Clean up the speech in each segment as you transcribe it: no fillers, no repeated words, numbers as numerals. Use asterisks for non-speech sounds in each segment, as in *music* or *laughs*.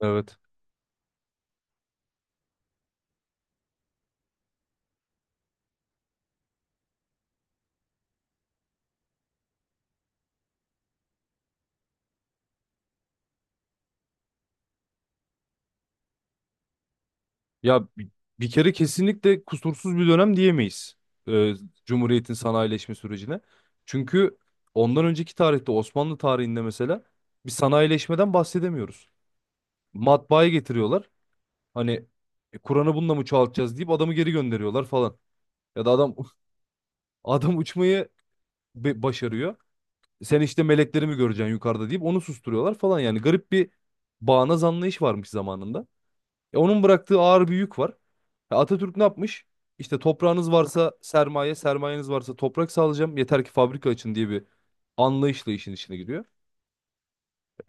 Evet. Ya bi- bir kere kesinlikle kusursuz bir dönem diyemeyiz. e, Cumhuriyet'in sanayileşme sürecine. Çünkü ondan önceki tarihte Osmanlı tarihinde mesela bir sanayileşmeden bahsedemiyoruz. Matbaayı getiriyorlar. Hani "E, Kur'an'ı bununla mı çoğaltacağız deyip adamı geri gönderiyorlar falan. Ya da adam *laughs* adam uçmayı başarıyor. Sen işte melekleri mi göreceksin yukarıda deyip onu susturuyorlar falan. Yani garip bir bağnaz anlayış varmış zamanında. E, onun bıraktığı ağır bir yük var. E, Atatürk ne yapmış? İşte toprağınız varsa sermaye, sermayeniz varsa toprak sağlayacağım. Yeter ki fabrika açın diye bir anlayışla işin içine giriyor.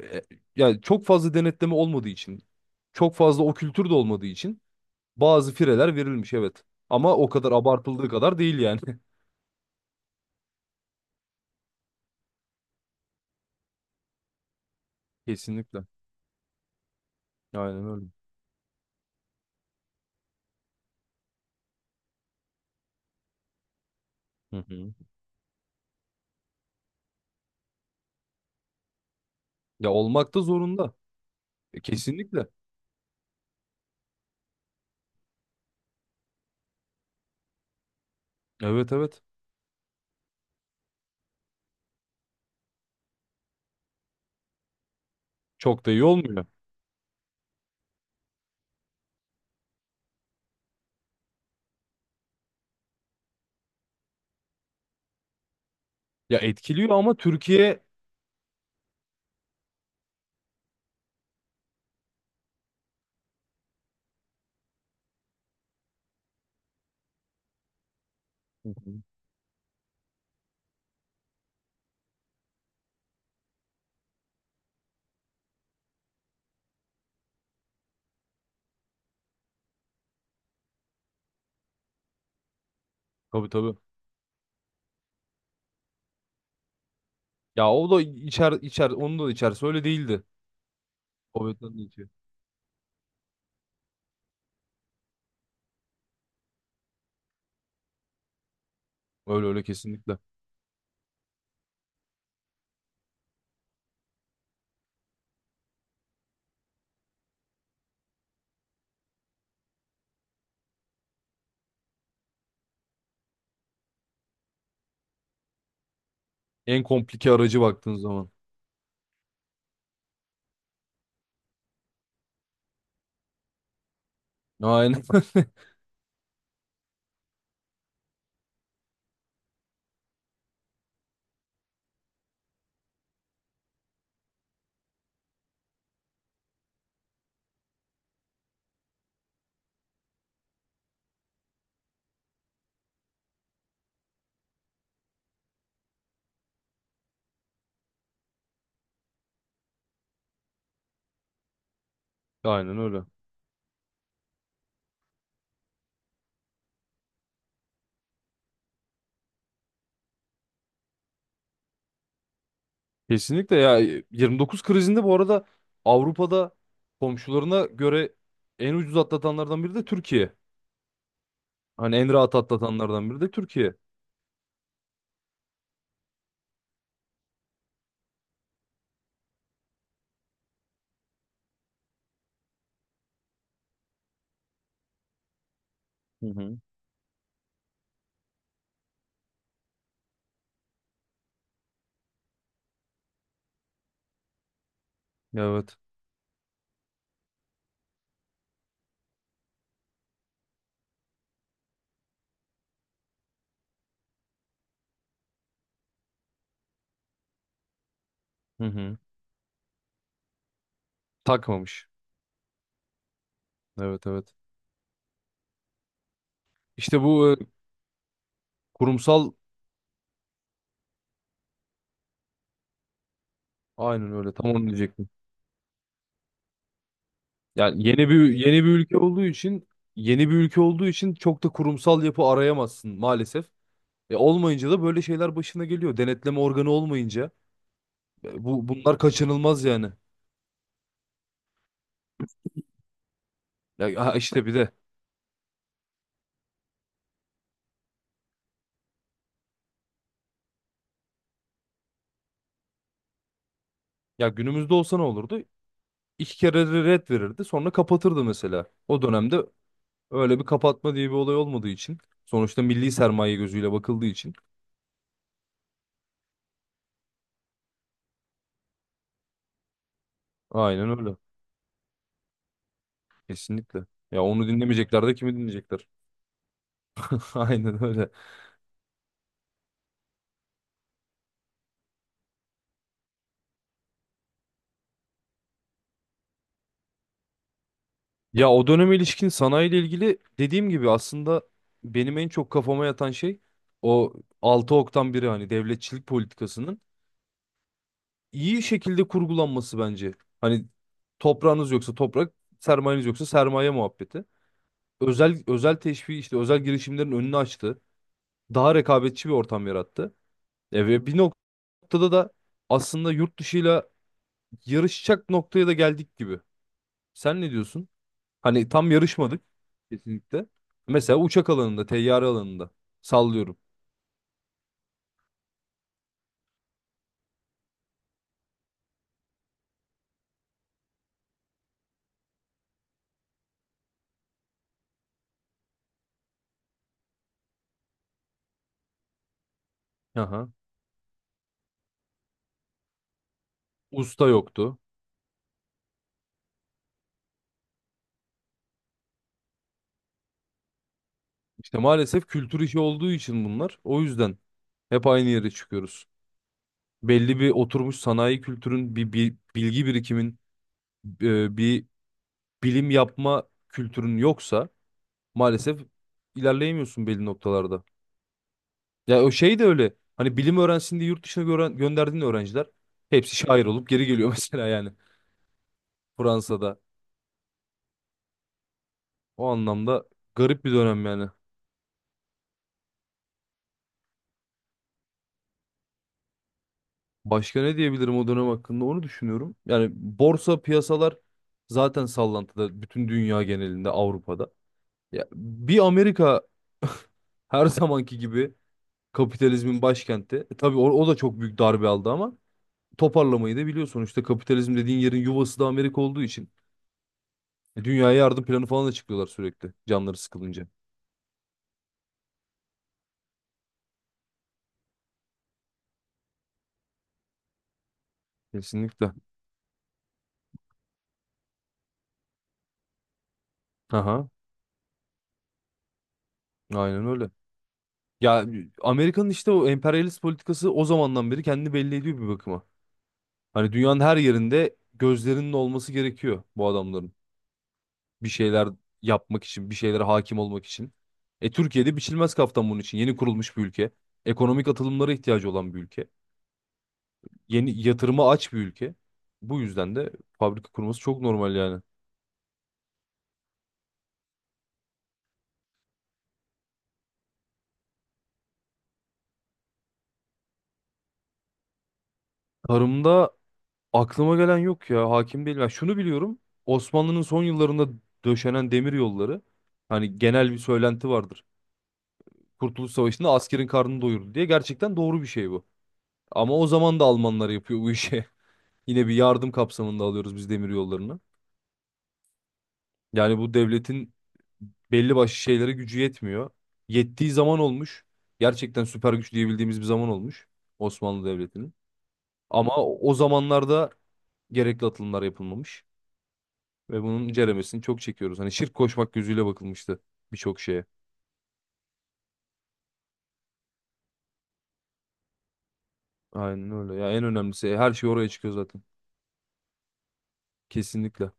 E, yani çok fazla denetleme olmadığı için, çok fazla o kültür de olmadığı için bazı fireler verilmiş, evet. Ama o kadar abartıldığı kadar değil yani. *laughs* Kesinlikle. Aynen öyle. Hı hı. Ya olmak da zorunda. E, kesinlikle. Evet, evet. Çok da iyi olmuyor. Ya etkiliyor ama Türkiye. Hı hı. Tabii, tabii. Ya o da içer içer, onun da içerisi öyle değildi. Corvette'den de içiyor. Öyle öyle, kesinlikle. En komplike aracı baktığın zaman. Aynen. *laughs* Aynen öyle. Kesinlikle ya, 29 krizinde bu arada Avrupa'da komşularına göre en ucuz atlatanlardan biri de Türkiye. Hani en rahat atlatanlardan biri de Türkiye. Hı hı. Evet. Hı hı. Takmamış. Evet, evet. İşte bu e, kurumsal, aynen öyle, tam onu diyecektim. Yani yeni bir ülke olduğu için, yeni bir ülke olduğu için çok da kurumsal yapı arayamazsın maalesef. E olmayınca da böyle şeyler başına geliyor. Denetleme organı olmayınca bu bunlar kaçınılmaz yani. Ya ha işte bir de, ya günümüzde olsa ne olurdu? İki kere de red verirdi, sonra kapatırdı mesela. O dönemde öyle bir kapatma diye bir olay olmadığı için, sonuçta milli sermaye gözüyle bakıldığı için aynen öyle. Kesinlikle. Ya onu dinlemeyecekler de kimi dinleyecekler? *laughs* Aynen öyle. Ya o döneme ilişkin sanayiyle ilgili, dediğim gibi aslında benim en çok kafama yatan şey o 6 oktan biri, hani devletçilik politikasının iyi şekilde kurgulanması bence. Hani toprağınız yoksa toprak, sermayeniz yoksa sermaye muhabbeti. Özel teşvik, işte özel girişimlerin önünü açtı. Daha rekabetçi bir ortam yarattı. E ve bir noktada da aslında yurt dışıyla yarışacak noktaya da geldik gibi. Sen ne diyorsun? Hani tam yarışmadık kesinlikle. Mesela uçak alanında, teyyare alanında sallıyorum. Aha. Usta yoktu. İşte maalesef kültür işi olduğu için bunlar. O yüzden hep aynı yere çıkıyoruz. Belli bir oturmuş sanayi kültürün, bir bilgi birikimin, bir bilim yapma kültürün yoksa maalesef ilerleyemiyorsun belli noktalarda. Ya o şey de öyle. Hani bilim öğrensin diye yurt dışına gören, gönderdiğin öğrenciler hepsi şair olup geri geliyor *laughs* mesela, yani Fransa'da. O anlamda garip bir dönem yani. Başka ne diyebilirim o dönem hakkında, onu düşünüyorum. Yani borsa piyasalar zaten sallantıda bütün dünya genelinde, Avrupa'da. Ya bir Amerika *laughs* her zamanki gibi kapitalizmin başkenti. E, tabii o da çok büyük darbe aldı ama toparlamayı da biliyor sonuçta, kapitalizm dediğin yerin yuvası da Amerika olduğu için. E, dünyaya yardım planı falan da çıkıyorlar sürekli canları sıkılınca. Kesinlikle. Aha, aynen öyle. Ya Amerika'nın işte o emperyalist politikası o zamandan beri kendini belli ediyor bir bakıma. Hani dünyanın her yerinde gözlerinin olması gerekiyor bu adamların. Bir şeyler yapmak için, bir şeylere hakim olmak için. E Türkiye'de biçilmez kaftan bunun için. Yeni kurulmuş bir ülke. Ekonomik atılımlara ihtiyacı olan bir ülke. Yeni yatırıma aç bir ülke. Bu yüzden de fabrika kurması çok normal yani. Tarımda aklıma gelen yok ya. Hakim değilim. Ya şunu biliyorum. Osmanlı'nın son yıllarında döşenen demir yolları. Hani genel bir söylenti vardır. Kurtuluş Savaşı'nda askerin karnını doyurdu diye, gerçekten doğru bir şey bu. Ama o zaman da Almanlar yapıyor bu işi. *laughs* Yine bir yardım kapsamında alıyoruz biz demir yollarını. Yani bu devletin belli başlı şeylere gücü yetmiyor. Yettiği zaman olmuş. Gerçekten süper güç diyebildiğimiz bir zaman olmuş Osmanlı Devleti'nin. Ama o zamanlarda gerekli atılımlar yapılmamış ve bunun ceremesini çok çekiyoruz. Hani şirk koşmak gözüyle bakılmıştı birçok şeye. Aynen öyle. Ya en önemlisi her şey oraya çıkıyor zaten. Kesinlikle.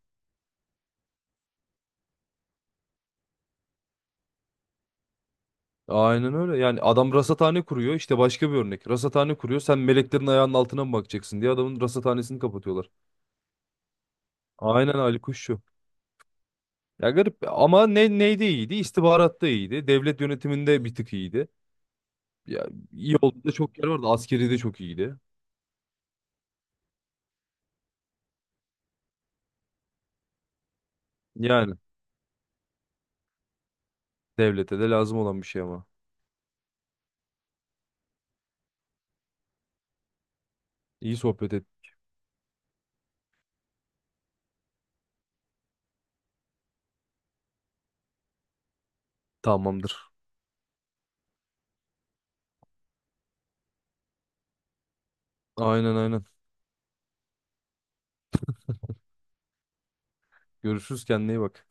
Aynen öyle. Yani adam rasathane kuruyor. İşte başka bir örnek. Rasathane kuruyor. Sen meleklerin ayağının altına mı bakacaksın diye adamın rasathanesini kapatıyorlar. Aynen, Ali Kuşçu. Ya garip, ama ne neyde iyiydi? İstihbaratta iyiydi. Devlet yönetiminde bir tık iyiydi. Ya iyi olduğu da çok yer vardı. Askeri de çok iyiydi. Yani devlete de lazım olan bir şey ama. İyi sohbet et. Tamamdır. Aynen, aynen. Görüşürüz, kendine iyi bak.